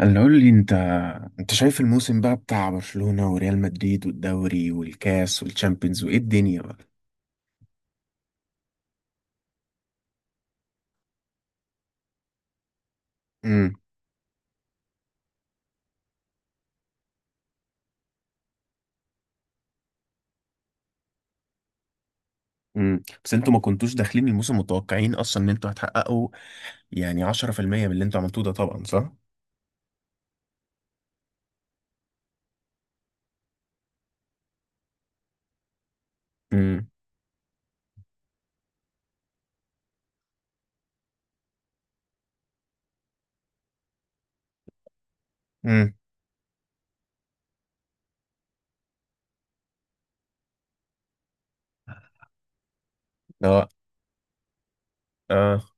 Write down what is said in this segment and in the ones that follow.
اللي قول لي انت. انت شايف الموسم بقى بتاع برشلونة وريال مدريد والدوري والكاس والتشامبيونز وايه الدنيا بقى؟ امم بس انتوا ما كنتوش داخلين الموسم متوقعين اصلا ان انتوا هتحققوا يعني 10% من اللي انتوا عملتوه ده طبعا صح. امم امم لا. اه.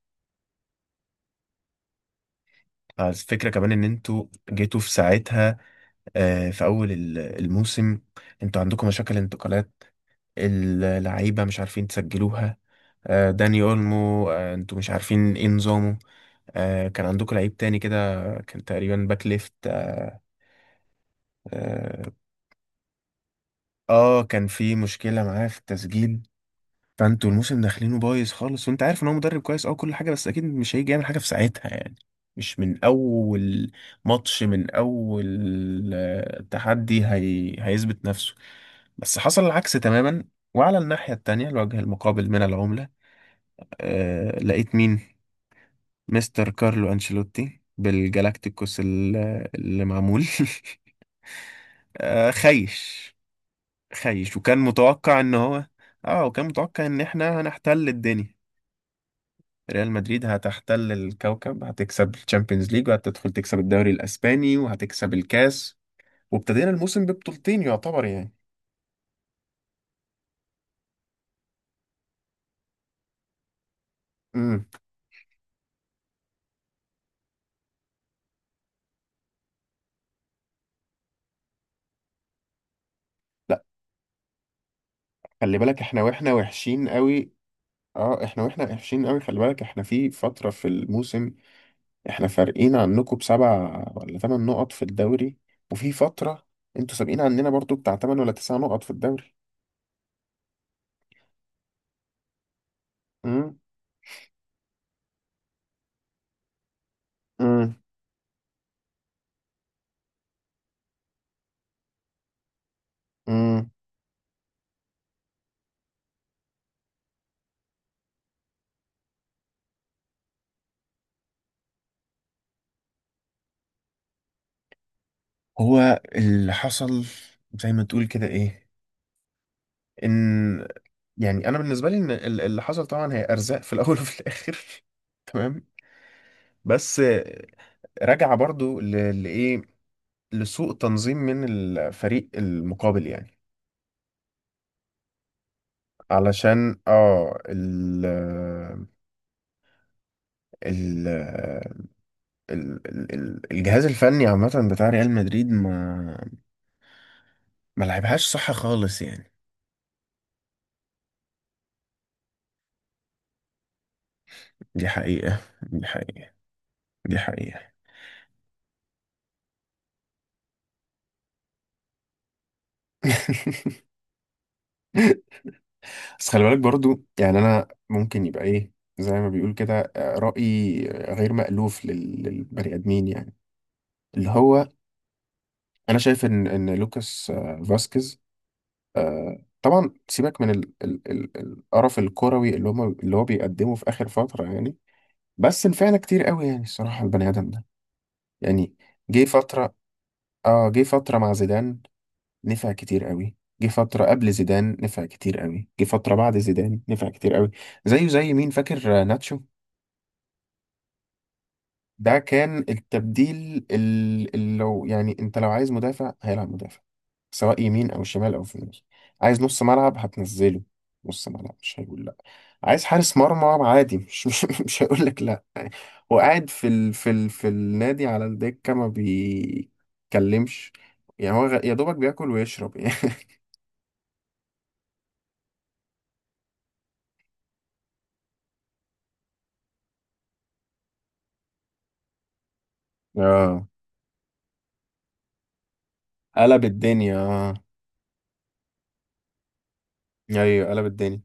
الفكرة كمان ان انتوا جيتوا في ساعتها، في اول الموسم انتوا عندكم مشاكل انتقالات، اللعيبة مش عارفين تسجلوها. داني اولمو، انتوا مش عارفين ايه نظامه. كان عندكم لعيب تاني كده، كان تقريبا باك ليفت. آه, اه كان في مشكلة معاه في التسجيل. فانتوا الموسم داخلينه بايظ خالص وانت عارف ان هو مدرب كويس او كل حاجة، بس اكيد مش هيجي يعمل حاجة في ساعتها يعني. مش من اول ماتش، من اول تحدي هيثبت نفسه. بس حصل العكس تماما. وعلى الناحية التانية، الوجه المقابل من العملة، لقيت مين؟ مستر كارلو أنشيلوتي بالجالاكتيكوس اللي معمول. خايش. خايش وكان متوقع ان هو، اه وكان متوقع ان احنا هنحتل الدنيا، ريال مدريد هتحتل الكوكب، هتكسب الشامبيونز ليج وهتدخل تكسب الدوري الاسباني وهتكسب الكاس، وابتدينا الموسم ببطولتين يعتبر يعني. امم لا، خلي بالك احنا واحنا وحشين قوي. اه احنا واحنا وحشين قوي، خلي بالك احنا في فترة في الموسم احنا فارقين عنكم ب7 ولا 8 نقط في الدوري، وفي فترة انتوا سابقين عننا برضو بتاع 8 ولا 9 نقط في الدوري. امم امم هو اللي حصل زي ما تقول كده ايه، ان يعني انا بالنسبه لي ان اللي حصل طبعا هي ارزاق في الاول وفي الاخر. تمام. بس رجع برضو لايه؟ لسوء تنظيم من الفريق المقابل يعني. علشان اه ال ال الجهاز الفني عامه بتاع ريال مدريد ما لعبهاش صح خالص يعني. دي حقيقه، دي حقيقه، دي حقيقه. بس خلي بالك برضو يعني انا ممكن يبقى ايه، زي ما بيقول كده، رأيي غير مألوف للبني ادمين يعني، اللي هو انا شايف ان لوكاس فاسكيز، طبعا سيبك من القرف الكروي اللي هم اللي هو بيقدمه في اخر فترة يعني، بس نفعنا كتير قوي يعني، الصراحة البني ادم ده يعني. جه فترة، اه جه فترة مع زيدان نفع كتير قوي، جه فترة قبل زيدان نفع كتير قوي، جه فترة بعد زيدان نفع كتير قوي. زيه زي مين فاكر؟ ناتشو. ده كان التبديل اللي لو يعني انت لو عايز مدافع هيلعب مدافع، سواء يمين او شمال او في النص. عايز نص ملعب هتنزله نص ملعب مش هيقول لا. عايز حارس مرمى عادي مش مش, مش هيقول لك لا يعني. هو قاعد في النادي على الدكة ما بيتكلمش يعني، هو يا دوبك بياكل ويشرب يعني. اه قلب الدنيا اه. ايوه قلب الدنيا.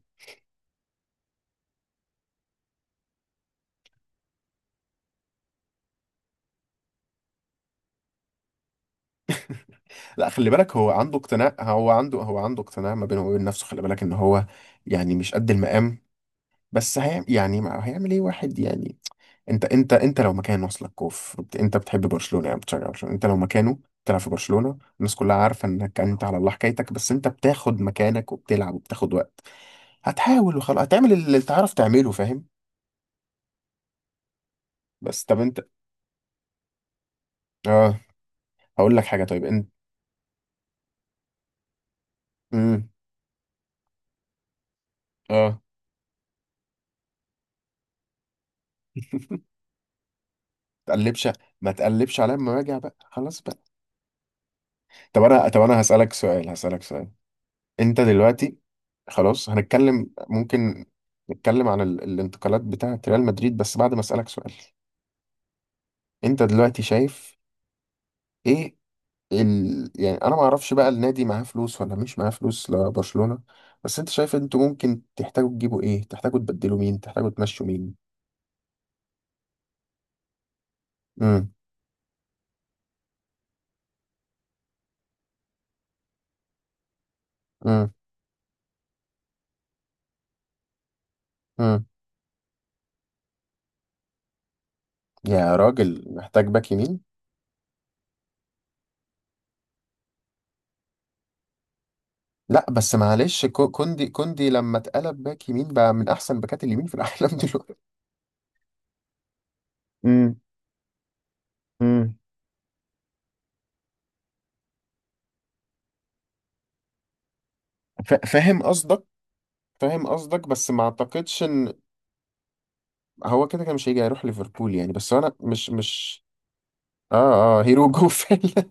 لا خلي بالك هو عنده اقتناع، هو عنده اقتناع ما بينه وبين نفسه، خلي بالك ان هو يعني مش قد المقام، بس هي يعني ما هيعمل ايه واحد يعني. انت لو مكان وصلك كوف انت بتحب برشلونة يعني بتشجع برشلونة، انت لو مكانه بتلعب في برشلونة، الناس كلها عارفة انك انت على الله حكايتك، بس انت بتاخد مكانك وبتلعب وبتاخد وقت، هتحاول وخلاص، هتعمل اللي تعرف تعمله، فاهم؟ بس طب انت، اه هقول لك حاجة. طيب انت، امم اه. تقلبش، ما تقلبش عليا لما راجع بقى خلاص بقى. طب انا هسألك سؤال، هسألك سؤال. انت دلوقتي، خلاص هنتكلم ممكن نتكلم عن الانتقالات بتاعة ريال مدريد بس بعد ما اسألك سؤال. انت دلوقتي شايف ايه يعني انا ما اعرفش بقى النادي معاه فلوس ولا مش معاه فلوس لبرشلونة، بس انت شايف انتوا ممكن تحتاجوا تجيبوا ايه، تحتاجوا تبدلوا مين، تحتاجوا تمشوا مين؟ امم امم امم يا راجل محتاج باك يمين؟ لا بس معلش كوندي كوندي لما اتقلب باك يمين بقى من احسن باكات اليمين في العالم دلوقتي. مم. فاهم قصدك. فاهم قصدك بس ما اعتقدش ان هو كده كده مش هيجي، هيروح ليفربول يعني. بس انا مش اه. اه هيروجو فعلا.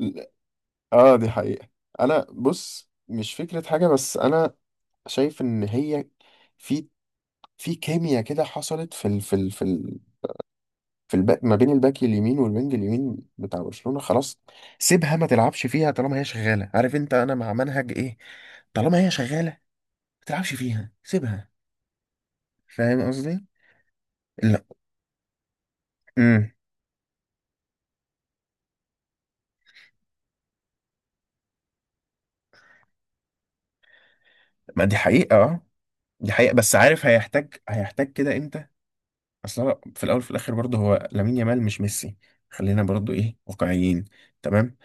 لا. اه دي حقيقة. انا بص مش فكرة حاجة بس انا شايف ان هي في كيمياء كده حصلت في الباك ما بين الباك اليمين والوينج اليمين بتاع برشلونة، خلاص سيبها ما تلعبش فيها طالما هي شغالة، عارف انت انا مع منهج ايه؟ طالما هي شغالة ما تلعبش فيها، سيبها، فاهم قصدي؟ لا. امم ما دي حقيقة اه. دي حقيقة بس عارف هيحتاج، هيحتاج كده امتى؟ اصلا في الاول وفي الاخر برضه هو لامين يامال مش ميسي، خلينا برضه ايه واقعيين. تمام.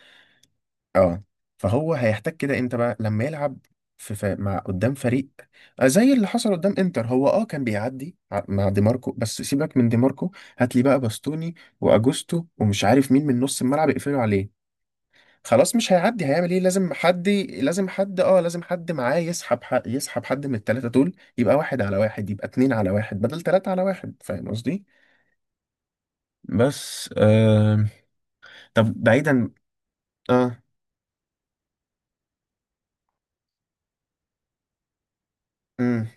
اه. فهو هيحتاج كده امتى بقى لما يلعب مع قدام فريق زي اللي حصل قدام انتر. هو اه كان بيعدي مع دي ماركو، بس سيبك من دي ماركو، هات لي بقى باستوني واجوستو ومش عارف مين من نص الملعب يقفلوا عليه، خلاص مش هيعدي هيعمل ايه. لازم حد، اه لازم حد معاه يسحب حق، يسحب حد من التلاتة دول، يبقى واحد على واحد، يبقى اتنين على واحد بدل تلاتة على واحد، فاهم قصدي؟ بس طب بعيدا. اه. امم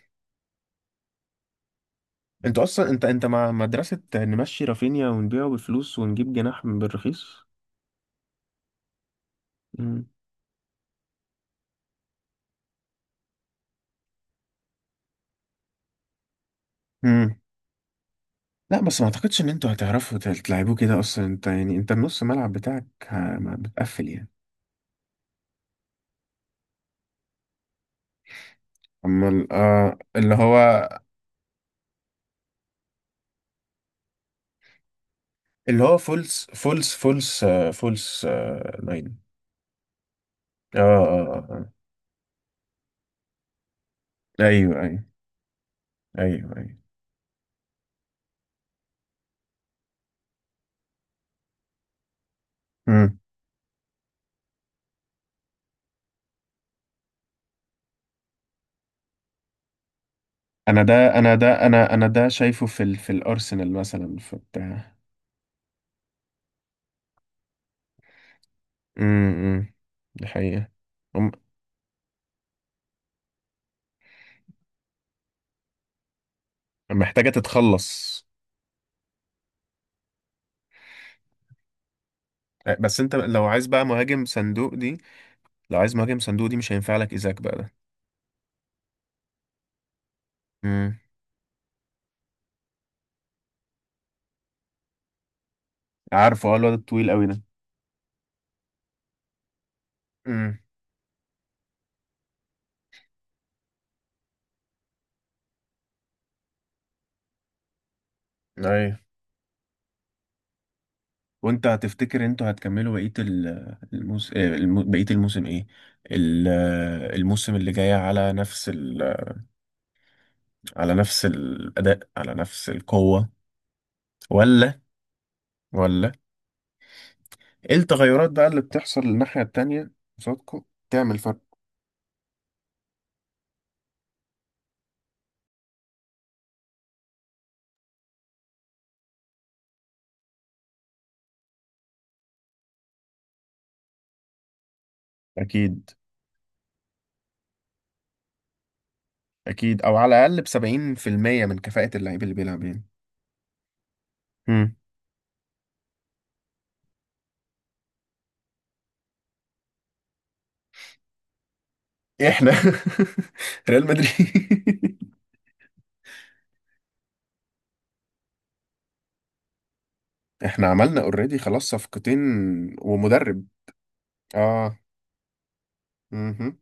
انت اصلا انت مع مدرسة نمشي رافينيا ونبيعه بالفلوس ونجيب جناح بالرخيص؟ امم امم لا بس ما اعتقدش ان انتوا هتعرفوا تلعبوه كده اصلا انت، يعني انت النص ملعب بتاعك ما بتقفل يعني. اما اللي هو اللي هو فولس ناين. اه اه. آه. آه. ايوه ايوه. ايوه ايوه. مم. انا ده انا ده شايفه في الارسنال مثلا في بتاع. امم دي حقيقة. هم-. محتاجة تتخلص. بس انت لو عايز بقى مهاجم صندوق دي، لو عايز مهاجم صندوق دي مش هينفع لك ايزاك بقى ده؟ امم عارفه اه الواد الطويل قوي ده. امم ايوه. وانت هتفتكر انتوا هتكملوا بقية بقية الموسم ايه؟ الموسم اللي جاي على نفس على نفس الأداء، على نفس القوة؟ ولا، ولا ايه التغيرات بقى اللي بتحصل الناحية التانية قصادكوا تعمل فرق؟ اكيد. اكيد او على الاقل ب70% من كفاءة اللعيب اللي بيلعب يعني. مم. احنا. ريال مدريد. احنا عملنا اوريدي خلاص صفقتين ومدرب. اه. مهم.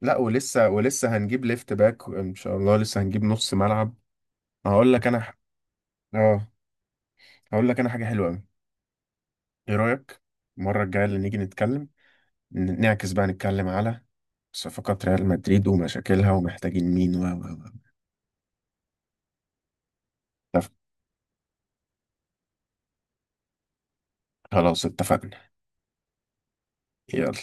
لا ولسه، ولسه هنجيب ليفت باك ان شاء الله، لسه هنجيب نص ملعب. هقول لك انا اه، هقول لك انا حاجه حلوه قوي، ايه رايك؟ المره الجايه اللي نيجي نتكلم نعكس بقى، نتكلم على صفقات ريال مدريد ومشاكلها ومحتاجين مين و و و. اتفق- خلاص اتفقنا. يلا.